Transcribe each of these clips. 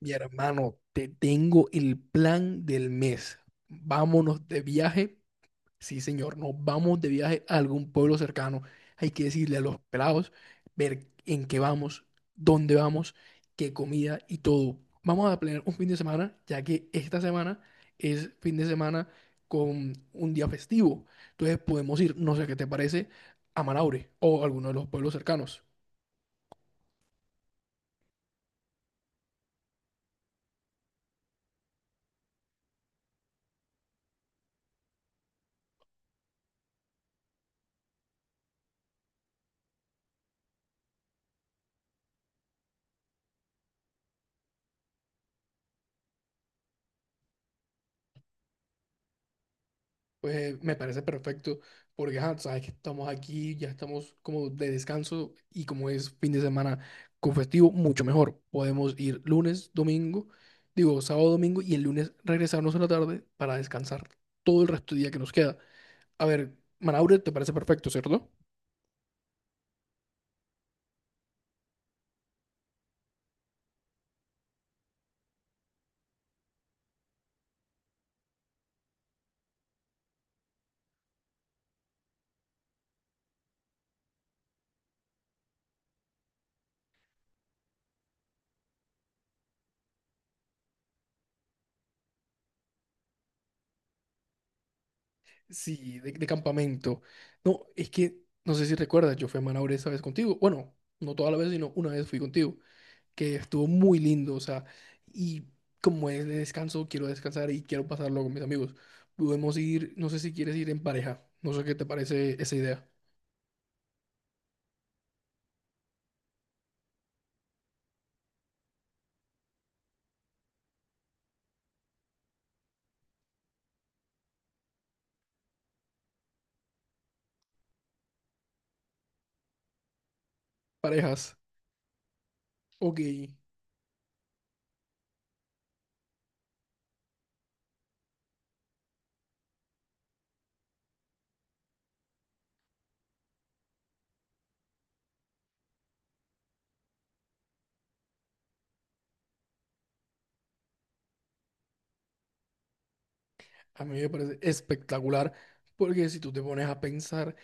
Mi hermano, te tengo el plan del mes. Vámonos de viaje. Sí, señor, nos vamos de viaje a algún pueblo cercano. Hay que decirle a los pelados, ver en qué vamos, dónde vamos, qué comida y todo. Vamos a planear un fin de semana, ya que esta semana es fin de semana con un día festivo. Entonces podemos ir, no sé qué te parece, a Manaure o alguno de los pueblos cercanos. Pues me parece perfecto, porque ajá, sabes que estamos aquí, ya estamos como de descanso y como es fin de semana con festivo, mucho mejor. Podemos ir lunes, domingo, digo sábado, domingo y el lunes regresarnos a la tarde para descansar todo el resto del día que nos queda. A ver, Manaure, ¿te parece perfecto, cierto? Sí, de campamento. No, es que no sé si recuerdas, yo fui a Manaure esa vez contigo. Bueno, no toda la vez, sino una vez fui contigo, que estuvo muy lindo, o sea, y como es de descanso, quiero descansar y quiero pasarlo con mis amigos. Podemos ir, no sé si quieres ir en pareja, no sé qué te parece esa idea. Parejas, ok, a mí me parece espectacular, porque si tú te pones a pensar,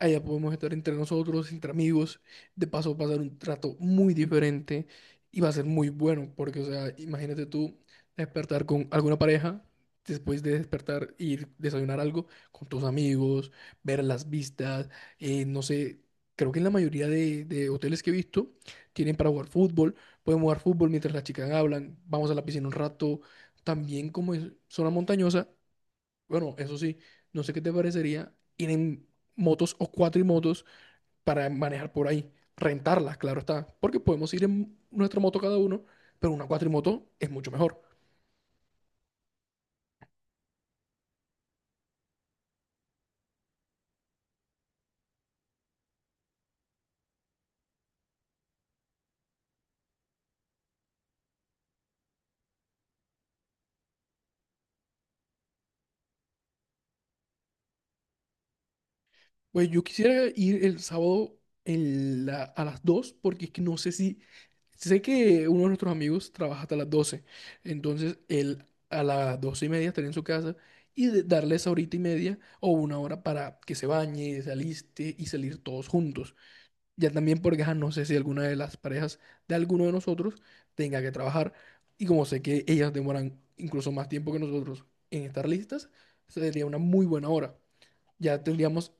allá podemos estar entre nosotros, entre amigos. De paso, va a ser un trato muy diferente y va a ser muy bueno, porque, o sea, imagínate tú despertar con alguna pareja, después de despertar, ir desayunar algo con tus amigos, ver las vistas, no sé. Creo que en la mayoría de hoteles que he visto tienen para jugar fútbol. Podemos jugar fútbol mientras las chicas hablan. Vamos a la piscina un rato. También como es zona montañosa, bueno, eso sí, no sé qué te parecería ir en motos o cuatrimotos para manejar por ahí, rentarlas, claro está, porque podemos ir en nuestra moto cada uno, pero una cuatrimoto es mucho mejor. Pues yo quisiera ir el sábado a las 2, porque es que no sé si, sé que uno de nuestros amigos trabaja hasta las 12, entonces él a las 12 y media estaría en su casa y darle esa horita y media o una hora para que se bañe, se aliste y salir todos juntos. Ya también porque ajá, no sé si alguna de las parejas de alguno de nosotros tenga que trabajar. Y como sé que ellas demoran incluso más tiempo que nosotros en estar listas, sería una muy buena hora. Ya tendríamos,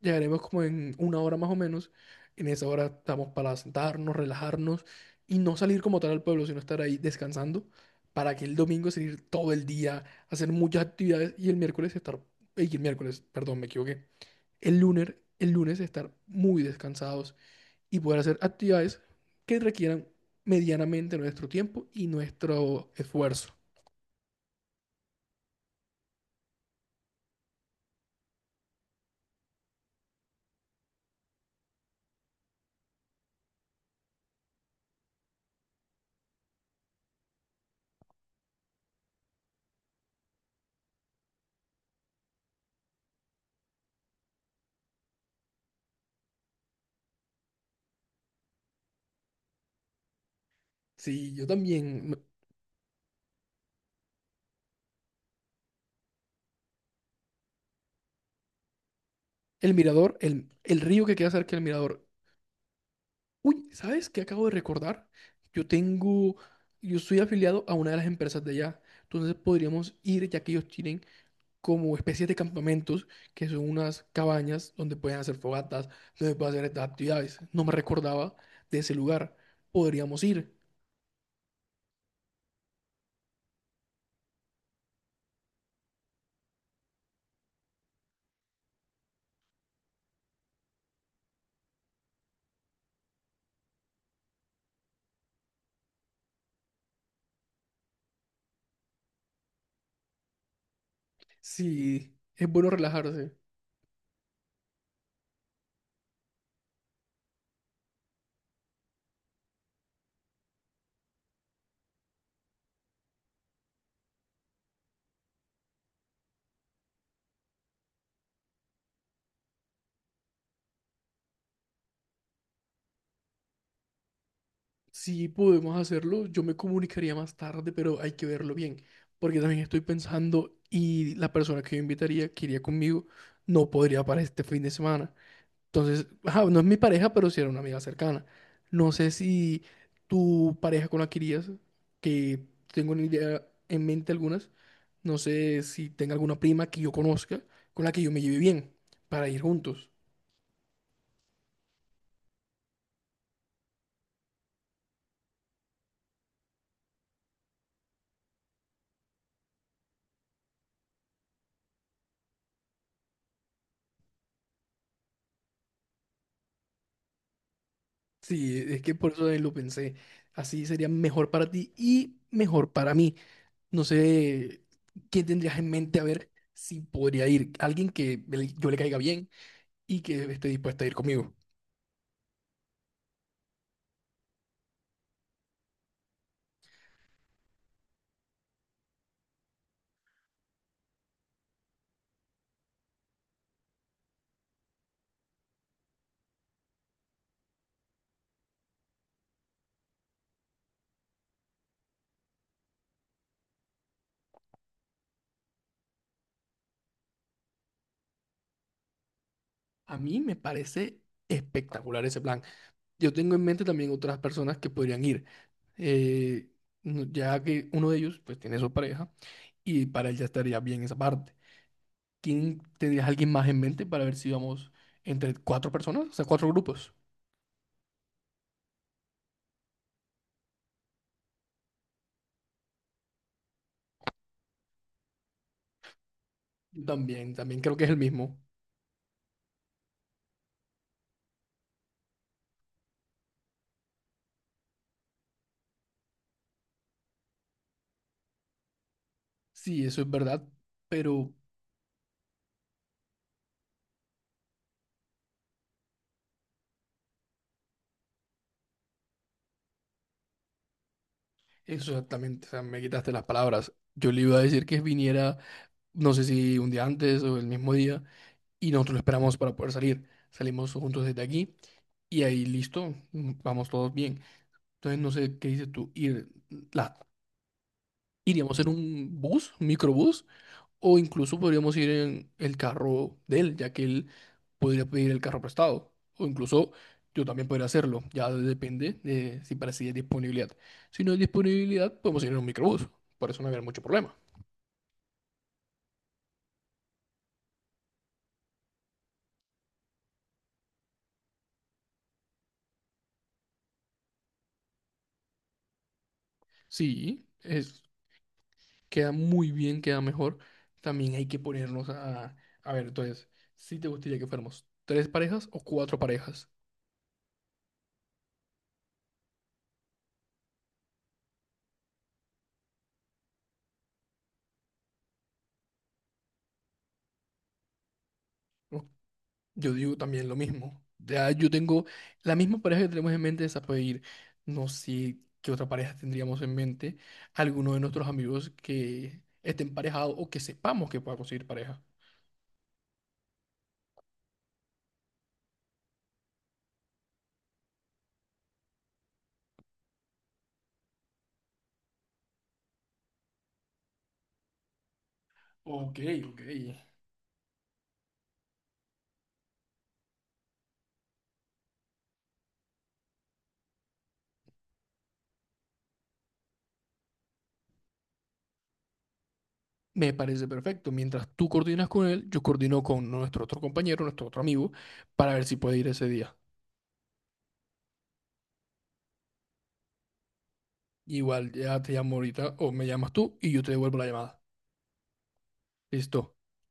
llegaremos como en una hora más o menos. En esa hora estamos para sentarnos, relajarnos y no salir como tal al pueblo, sino estar ahí descansando para que el domingo salir todo el día, hacer muchas actividades y el miércoles estar, y el miércoles, perdón, me equivoqué. El lunes estar muy descansados y poder hacer actividades que requieran medianamente nuestro tiempo y nuestro esfuerzo. Sí, yo también. El mirador, el río que queda cerca del mirador. Uy, ¿sabes qué acabo de recordar? Yo tengo, yo soy afiliado a una de las empresas de allá. Entonces podríamos ir, ya que ellos tienen como especies de campamentos, que son unas cabañas donde pueden hacer fogatas, donde pueden hacer estas actividades. No me recordaba de ese lugar. Podríamos ir. Sí, es bueno relajarse. Si podemos hacerlo, yo me comunicaría más tarde, pero hay que verlo bien, porque también estoy pensando y la persona que yo invitaría, que iría conmigo, no podría para este fin de semana. Entonces, ajá, no es mi pareja, pero sí era una amiga cercana. No sé si tu pareja con la que irías, que tengo una idea en mente algunas, no sé si tenga alguna prima que yo conozca con la que yo me lleve bien para ir juntos. Sí, es que por eso también lo pensé. Así sería mejor para ti y mejor para mí. No sé quién tendrías en mente a ver si podría ir. Alguien que yo le caiga bien y que esté dispuesta a ir conmigo. A mí me parece espectacular ese plan. Yo tengo en mente también otras personas que podrían ir. eh, ya que uno de ellos pues tiene su pareja y para él ya estaría bien esa parte. ¿Quién tendrías alguien más en mente para ver si vamos entre cuatro personas? O sea, cuatro grupos. Yo también, también creo que es el mismo. Sí, eso es verdad. Pero exactamente, o sea, me quitaste las palabras. Yo le iba a decir que viniera, no sé si un día antes o el mismo día, y nosotros lo esperamos para poder salir. Salimos juntos desde aquí y ahí listo, mm, vamos todos bien. Entonces no sé qué dices tú, ir, la, iríamos en un bus, un microbús. O incluso podríamos ir en el carro de él, ya que él podría pedir el carro prestado. O incluso yo también podría hacerlo. Ya depende de si para sí hay disponibilidad. Si no hay disponibilidad, podemos ir en un microbús. Por eso no habrá mucho problema. Sí, es, queda muy bien, queda mejor. También hay que ponernos a... A ver, entonces, ¿si te gustaría que fuéramos tres parejas o cuatro parejas? Yo digo también lo mismo. Ya yo tengo la misma pareja que tenemos en mente, esa puede ir. No sé qué otra pareja tendríamos en mente. Alguno de nuestros amigos que esté emparejado o que sepamos que pueda conseguir pareja. Ok, ok. Me parece perfecto. Mientras tú coordinas con él, yo coordino con nuestro otro compañero, nuestro otro amigo, para ver si puede ir ese día. Igual ya te llamo ahorita o me llamas tú y yo te devuelvo la llamada. Listo.